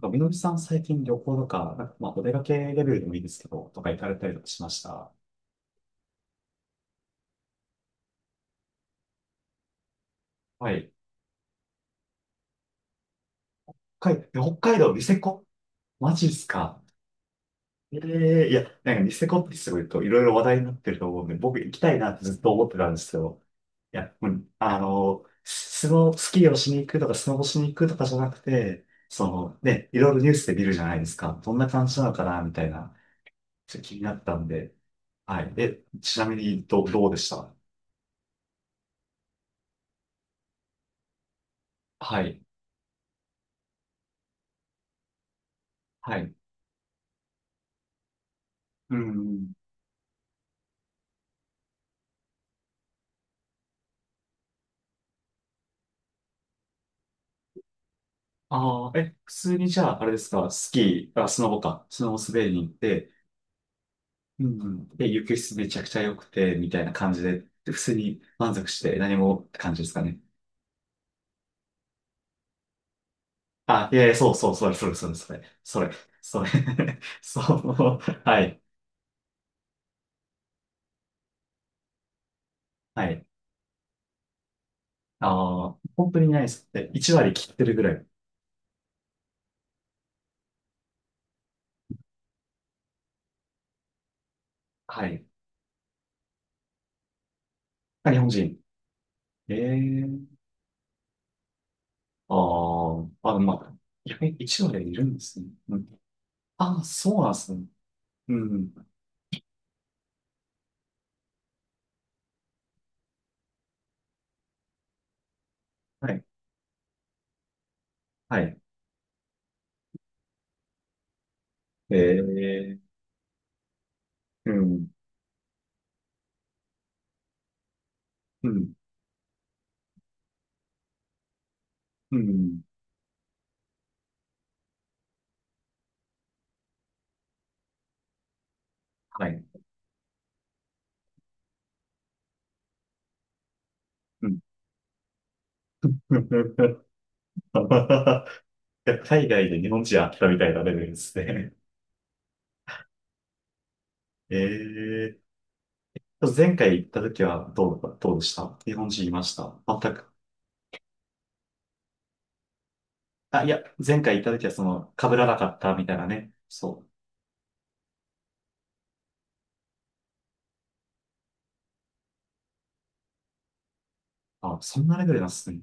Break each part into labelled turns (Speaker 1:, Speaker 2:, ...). Speaker 1: なんかみのりさん最近旅行とか、なんかまあお出かけレベルでもいいですけど、とか行かれたりとかしました？はい。北海道ニセコ。マジっすか？ええ、いや、なんかニセコってすごいといろいろ話題になってると思うんで、僕行きたいなってずっと思ってたんですけど、いや、もうあの、スキーをしに行くとかスノボしに行くとかじゃなくて、そのね、いろいろニュースで見るじゃないですか。どんな感じなのかなみたいな、ちょっと気になったんで。はい。え、ちなみにどうでした？はい。はい。うん。ああ、え、普通にじゃあ、あれですか、スキー、あ、スノボか、スノボ滑りに行って、うんうん、で、雪質めちゃくちゃ良くて、みたいな感じで、で普通に満足して何もって感じですかね。あ、いやいや、そうそう、それ、それ、それ、それ、それ、それ、そう、はい、はい。ああ、本当にないです。で、1割切ってるぐらい。はい。あ、日本人。ええ、ああ、あ、まあ、いや1割いるんですね。うん、ああ、そうなんですね。うん、はい、はい。ええ、うん、うん、うん、はい。うん。いや海外で日本人あったみたいなレベルですね。ええ、前回行った時はどうでした？日本人いました？全く？あ、いや、前回行った時はその、被らなかったみたいなね。そう。あ、そんなレベルなんですね。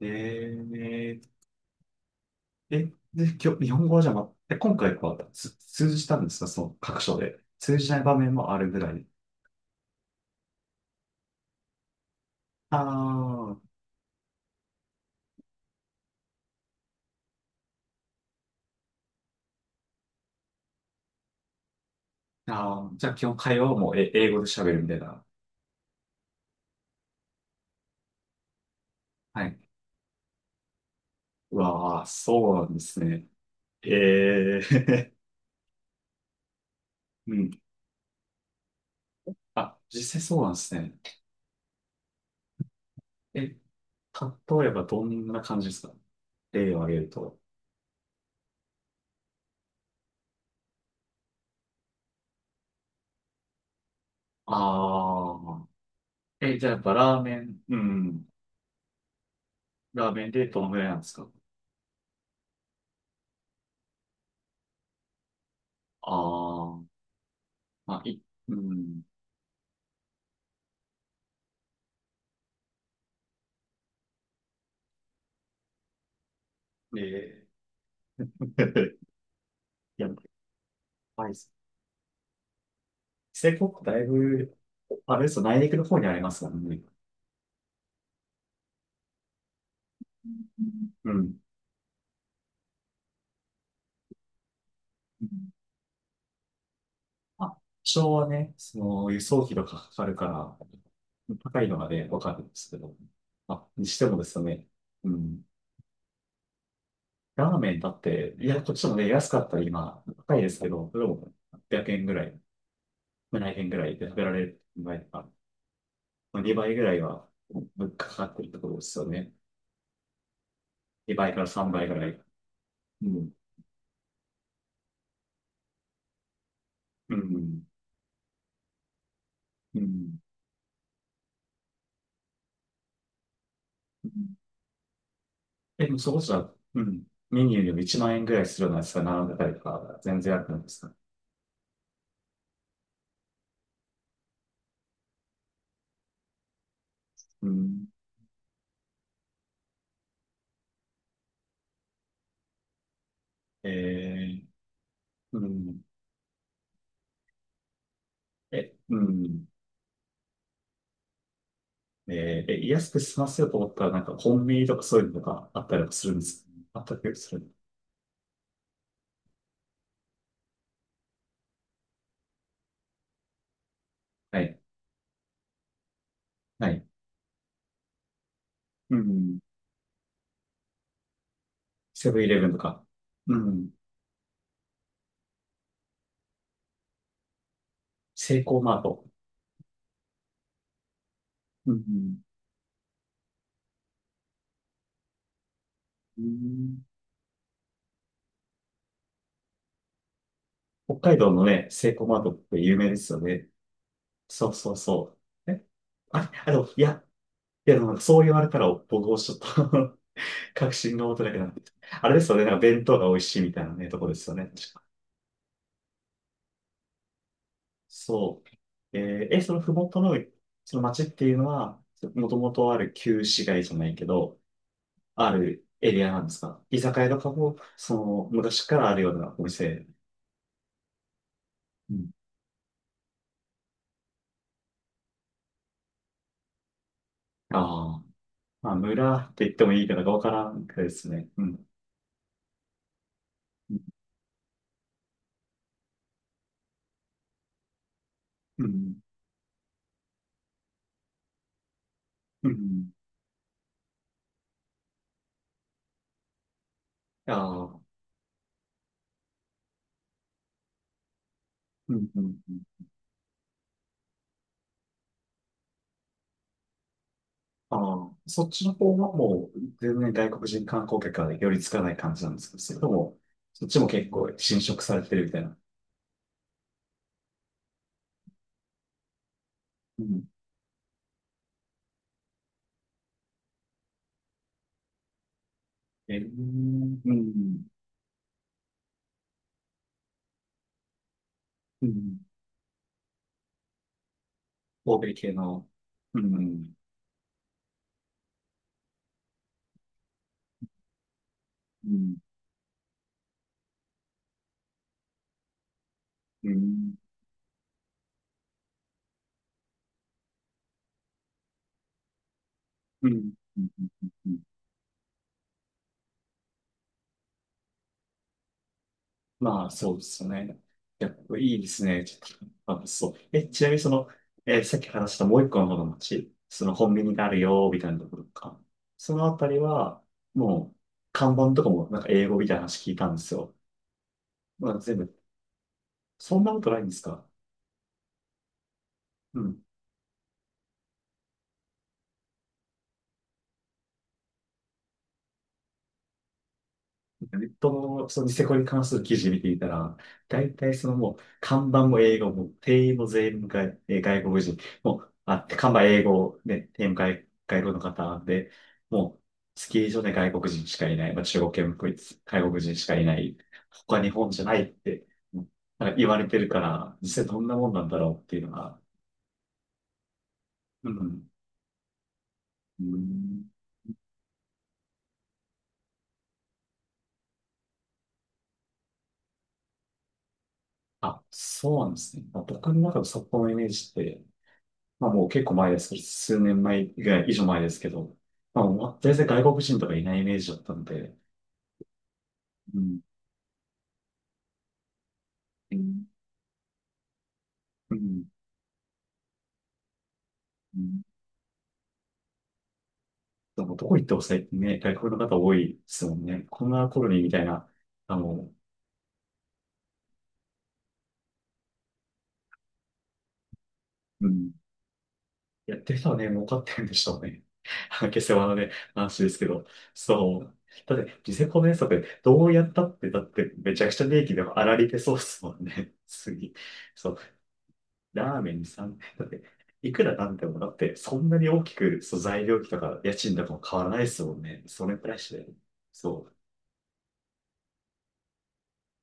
Speaker 1: ええ、え、で、今日、日本語はじゃあ今回は通じたんですか？その、各所で。通じない場面もあるぐらい。ああ、ああ、じゃあ基本会話はもう英語で喋るみたいな。はい。うわあ、そうなんですね。ええ。 うん。あ、実際そうなんですね。え、例えばどんな感じですか？例を挙げると。ああ、え、じゃあやっぱラーメン、うん。ラーメンでどのぐらいなんですか？ああ、まあ、うん。えいやっぱり、成功だいぶ、あれですよ、内陸の方にありますからね。うん。あ、昭和ね、その輸送費とかかかるから、高いのがね、わかるんですけど。あ、にしてもですね、うん。ラーメンだって、いや、こっちもね、安かったら今、高いですけど、それも800円ぐらい、7 0円ぐらいで食べられる場合とか、まあ、2倍ぐらいは物価かかってるところですよね。2倍から3倍ぐらい。うん。うん。うん。うん、でもそこじゃ、うん。メニューよりも1万円ぐらいするようなやつが並んでたりとか、全然あるんですか？うん。えーうん。え、うん。えーえ、安く済ませようと思ったら、なんかコンビニとかそういうのがあったりもするんですか？あったりする。はい。はい。うん。セブンイレブンとか。うん。セイコーマート。うん。うん、北海道のね、セイコーマートって有名ですよね。そうそうそう。え、あ、いや、いや、でもそう言われたら僕もちょっと 確信が持てなくなってきた。あれですよね、なんか弁当が美味しいみたいなね、とこですよね。そう。えーえ、そのふもとの、その町っていうのは、もともとある旧市街じゃないけど、あるエリアなんですか？居酒屋とかも、その、昔からあるようなお店。うん。ああ。まあ、村って言ってもいいかどうかわからんくらいですね。うん。うん。うん。ああ。うん。うん。うん、ああ、うんうん、ああ、そっちの方はもう、全然外国人観光客が寄りつかない感じなんですけど、それとも、そっちも結構侵食されてるみたいな。うん。えーうん。うん。欧米系の。うん。うん。うん。うん。うん。うん。まあ、そうですよね。いや、いいですね。ちょっとあそう。え、ちなみにその、さっき話したもう一個の方の街、そのコンビニがあるよ、みたいなところとか。そのあたりは、もう、看板とかもなんか英語みたいな話聞いたんですよ。まあ、全部、そんなことないんですか？うん、ネットのそのニセコに関する記事見ていたら、大体そのもう、看板も英語も、店員も全員外、えー外国人、もう、あ、看板英語、ね、店員も外国の方で、もう、スキー場で外国人しかいない、まあ、中国系もこいつ、外国人しかいない、他日本じゃないって、うん、なんか言われてるから、実際どんなもんなんだろうっていうのが、うん、うん、あ、そうなんですね。まあ僕の中の札幌のイメージって、まあもう結構前ですけど、数年前ぐらい以上前ですけど、まあもう全然外国人とかいないイメージだったので、うん。うんうん。うん、でもどこ行っても最近ね、外国の方多いですもんね。こんなコロニーみたいな、あの、うん。やってる人はね、儲かってるんでしょうね。下世話のね、話ですけど。そう。だって、ニセコのやつだってどうやったって、だってめちゃくちゃ利益でも粗利出そうですもんね。次。そうラーメン3んだっていくらなんでもだって、そんなに大きく、そう、材料費とか家賃とかも変わらないですもんね。それに対して。そ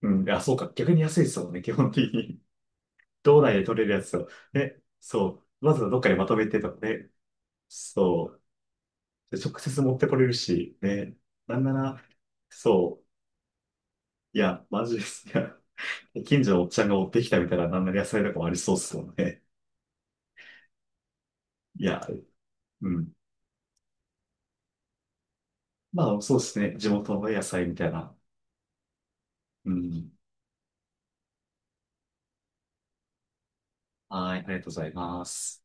Speaker 1: う。うん。あ、そうか。逆に安いですもんね。基本的に。道内で取れるやつを。ね。そう。まずはどっかにまとめてとかね。そう。で直接持ってこれるし、ね。なんなら、そう。いや、マジです。いや、近所のおっちゃんが持ってきたみたいな、なんなら野菜とかもありそうですもんね。いや、うん。まあ、そうですね。地元の野菜みたいな。うん。はい、ありがとうございます。